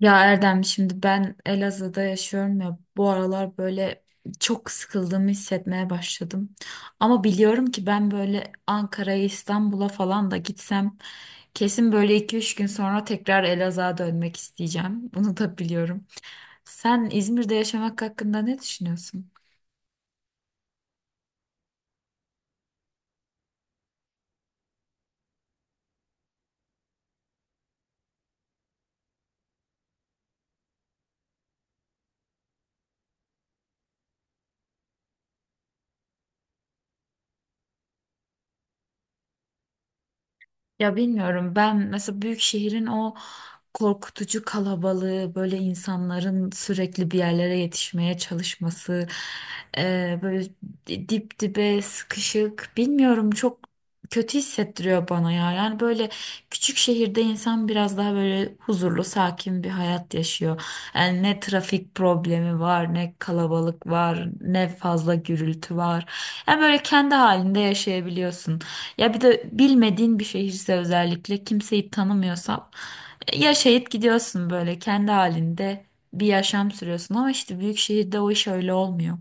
Ya Erdem şimdi ben Elazığ'da yaşıyorum ya bu aralar böyle çok sıkıldığımı hissetmeye başladım. Ama biliyorum ki ben böyle Ankara'ya İstanbul'a falan da gitsem kesin böyle iki üç gün sonra tekrar Elazığ'a dönmek isteyeceğim. Bunu da biliyorum. Sen İzmir'de yaşamak hakkında ne düşünüyorsun? Ya bilmiyorum ben mesela büyük şehrin o korkutucu kalabalığı, böyle insanların sürekli bir yerlere yetişmeye çalışması, böyle dip dibe sıkışık, bilmiyorum çok kötü hissettiriyor bana ya. Yani böyle küçük şehirde insan biraz daha böyle huzurlu, sakin bir hayat yaşıyor. Yani ne trafik problemi var, ne kalabalık var, ne fazla gürültü var. Yani böyle kendi halinde yaşayabiliyorsun. Ya bir de bilmediğin bir şehirse özellikle kimseyi tanımıyorsan ya şehit gidiyorsun böyle kendi halinde bir yaşam sürüyorsun ama işte büyük şehirde o iş öyle olmuyor.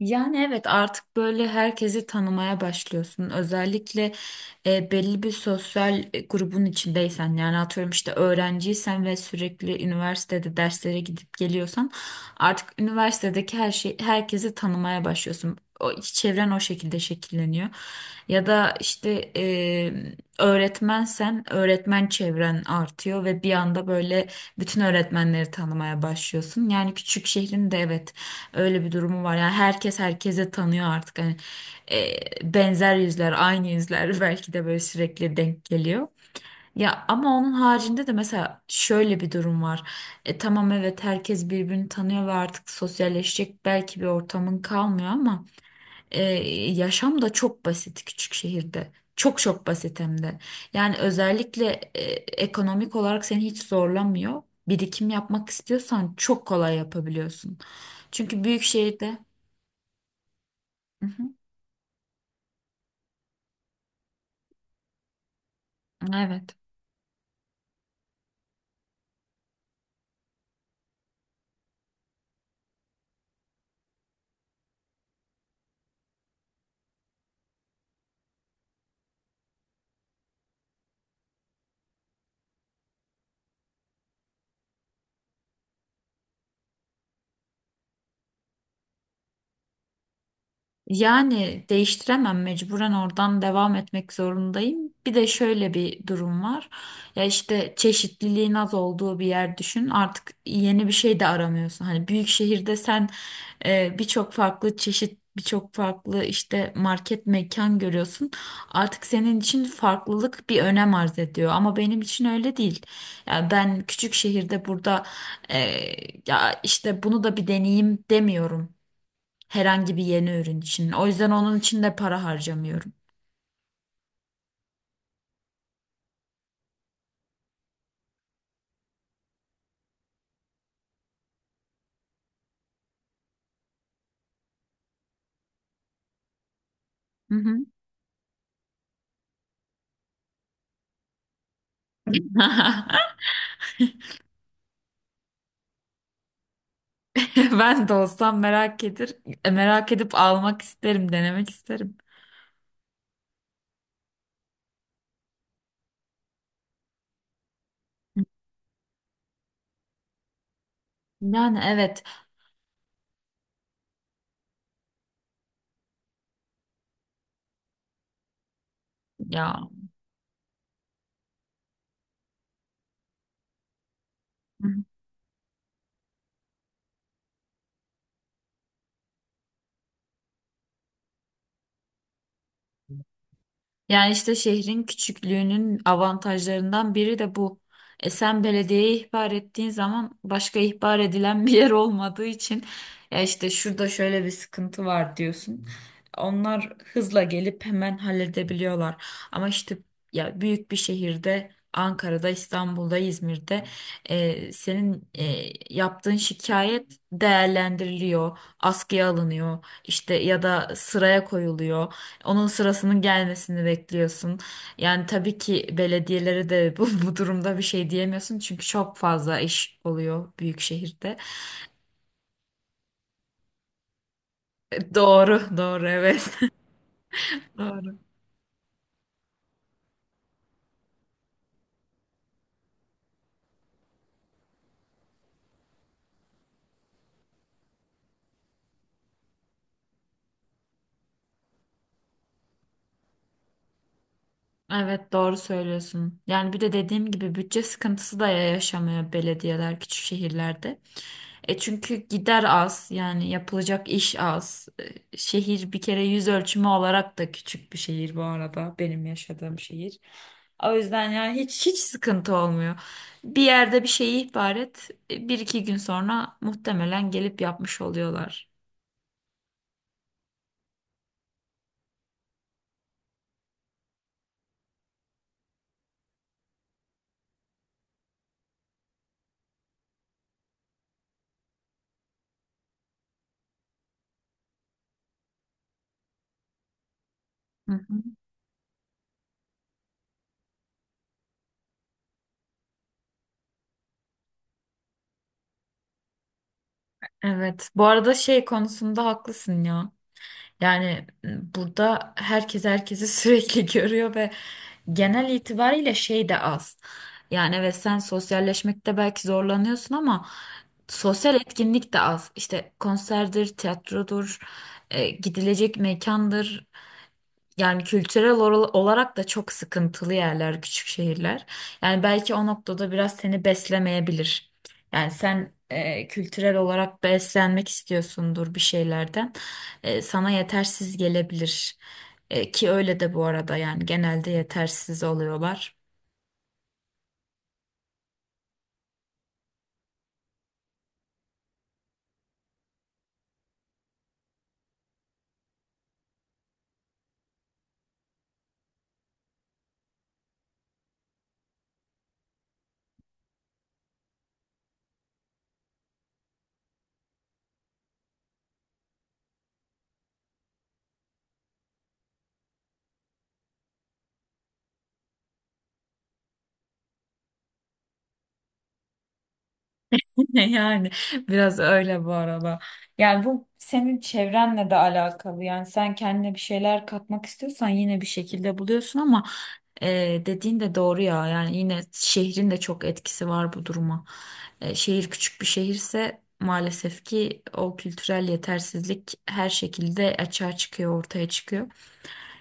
Yani evet artık böyle herkesi tanımaya başlıyorsun. Özellikle belli bir sosyal grubun içindeysen yani atıyorum işte öğrenciysen ve sürekli üniversitede derslere gidip geliyorsan artık üniversitedeki her şey herkesi tanımaya başlıyorsun. O iç çevren o şekilde şekilleniyor. Ya da işte öğretmensen öğretmen çevren artıyor ve bir anda böyle bütün öğretmenleri tanımaya başlıyorsun. Yani küçük şehrin de evet öyle bir durumu var. Yani herkes herkese tanıyor artık. Hani e, benzer yüzler, aynı yüzler belki de böyle sürekli denk geliyor. Ya ama onun haricinde de mesela şöyle bir durum var. E, tamam evet herkes birbirini tanıyor ve artık sosyalleşecek belki bir ortamın kalmıyor ama e, yaşam da çok basit küçük şehirde. Çok çok basit hem de. Yani özellikle e, ekonomik olarak seni hiç zorlamıyor. Birikim yapmak istiyorsan çok kolay yapabiliyorsun. Çünkü büyük şehirde hı hı, evet. Yani değiştiremem, mecburen oradan devam etmek zorundayım. Bir de şöyle bir durum var. Ya işte çeşitliliğin az olduğu bir yer düşün. Artık yeni bir şey de aramıyorsun. Hani büyük şehirde sen birçok farklı çeşit, birçok farklı işte market mekan görüyorsun. Artık senin için farklılık bir önem arz ediyor. Ama benim için öyle değil. Ya ben küçük şehirde burada e, ya işte bunu da bir deneyeyim demiyorum. Herhangi bir yeni ürün için. O yüzden onun için de para harcamıyorum. Hı hı. Ben de olsam merak edip almak isterim, denemek isterim. Yani evet ya. Yani işte şehrin küçüklüğünün avantajlarından biri de bu. E sen belediyeye ihbar ettiğin zaman başka ihbar edilen bir yer olmadığı için ya işte şurada şöyle bir sıkıntı var diyorsun. Onlar hızla gelip hemen halledebiliyorlar. Ama işte ya büyük bir şehirde Ankara'da, İstanbul'da, İzmir'de senin yaptığın şikayet değerlendiriliyor, askıya alınıyor, işte ya da sıraya koyuluyor. Onun sırasının gelmesini bekliyorsun. Yani tabii ki belediyelere de bu durumda bir şey diyemiyorsun çünkü çok fazla iş oluyor büyük şehirde. Doğru, doğru evet. Doğru. Evet doğru söylüyorsun. Yani bir de dediğim gibi bütçe sıkıntısı da yaşamıyor belediyeler küçük şehirlerde. E çünkü gider az yani yapılacak iş az. Şehir bir kere yüz ölçümü olarak da küçük bir şehir bu arada benim yaşadığım şehir. O yüzden yani hiç sıkıntı olmuyor. Bir yerde bir şeyi ihbar et, bir iki gün sonra muhtemelen gelip yapmış oluyorlar. Hı hı. Evet bu arada şey konusunda haklısın ya. Yani burada herkes herkesi sürekli görüyor ve genel itibariyle şey de az. Yani evet sen sosyalleşmekte belki zorlanıyorsun ama sosyal etkinlik de az. İşte konserdir, tiyatrodur, gidilecek mekandır. Yani kültürel olarak da çok sıkıntılı yerler, küçük şehirler. Yani belki o noktada biraz seni beslemeyebilir. Yani sen kültürel olarak beslenmek istiyorsundur bir şeylerden. Sana yetersiz gelebilir. E, ki öyle de bu arada yani genelde yetersiz oluyorlar. Yani biraz öyle bu arada. Yani bu senin çevrenle de alakalı. Yani sen kendine bir şeyler katmak istiyorsan yine bir şekilde buluyorsun ama e, dediğin de doğru ya. Yani yine şehrin de çok etkisi var bu duruma. Şehir küçük bir şehirse maalesef ki o kültürel yetersizlik her şekilde açığa çıkıyor, ortaya çıkıyor.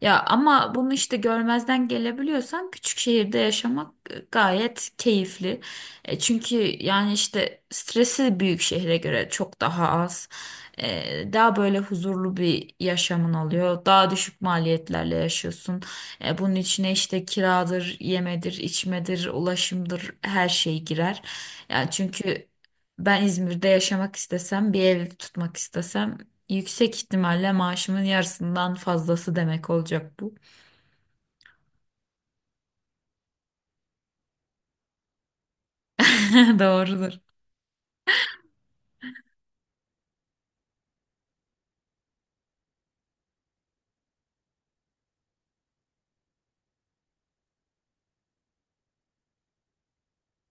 Ya ama bunu işte görmezden gelebiliyorsan küçük şehirde yaşamak gayet keyifli. E, çünkü yani işte stresi büyük şehre göre çok daha az. Daha böyle huzurlu bir yaşamın oluyor. Daha düşük maliyetlerle yaşıyorsun. Bunun içine işte kiradır, yemedir, içmedir, ulaşımdır her şey girer. Yani çünkü ben İzmir'de yaşamak istesem, bir ev tutmak istesem yüksek ihtimalle maaşımın yarısından fazlası demek olacak bu. Doğrudur.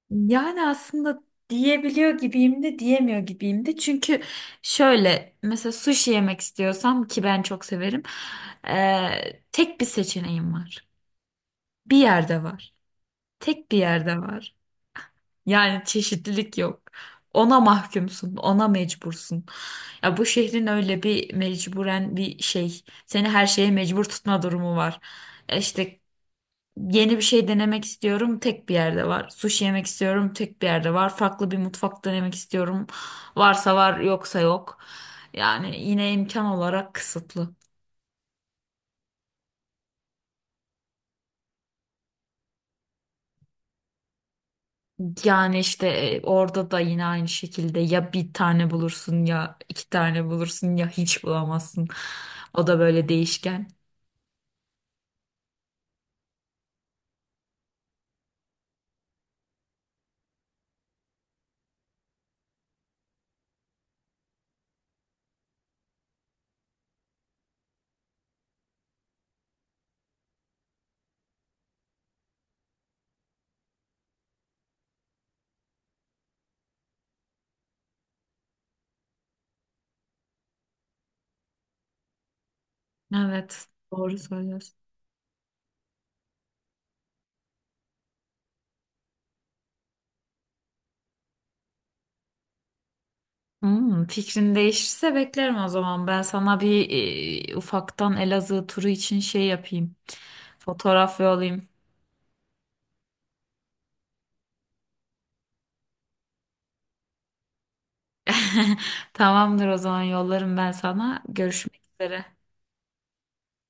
Yani aslında diyebiliyor gibiyim de diyemiyor gibiyim de. Çünkü şöyle mesela sushi yemek istiyorsam ki ben çok severim. Tek bir seçeneğim var. Bir yerde var. Tek bir yerde var. Yani çeşitlilik yok. Ona mahkumsun, ona mecbursun. Ya bu şehrin öyle bir mecburen bir şey. Seni her şeye mecbur tutma durumu var. E İşte yeni bir şey denemek istiyorum, tek bir yerde var. Sushi yemek istiyorum, tek bir yerde var. Farklı bir mutfak denemek istiyorum. Varsa var, yoksa yok. Yani yine imkan olarak kısıtlı. Yani işte orada da yine aynı şekilde ya bir tane bulursun ya iki tane bulursun ya hiç bulamazsın. O da böyle değişken. Evet, doğru söylüyorsun. Hmm, fikrin değişirse beklerim o zaman. Ben sana bir ufaktan Elazığ turu için şey yapayım. Fotoğraf yollayayım. Tamamdır o zaman yollarım ben sana. Görüşmek üzere.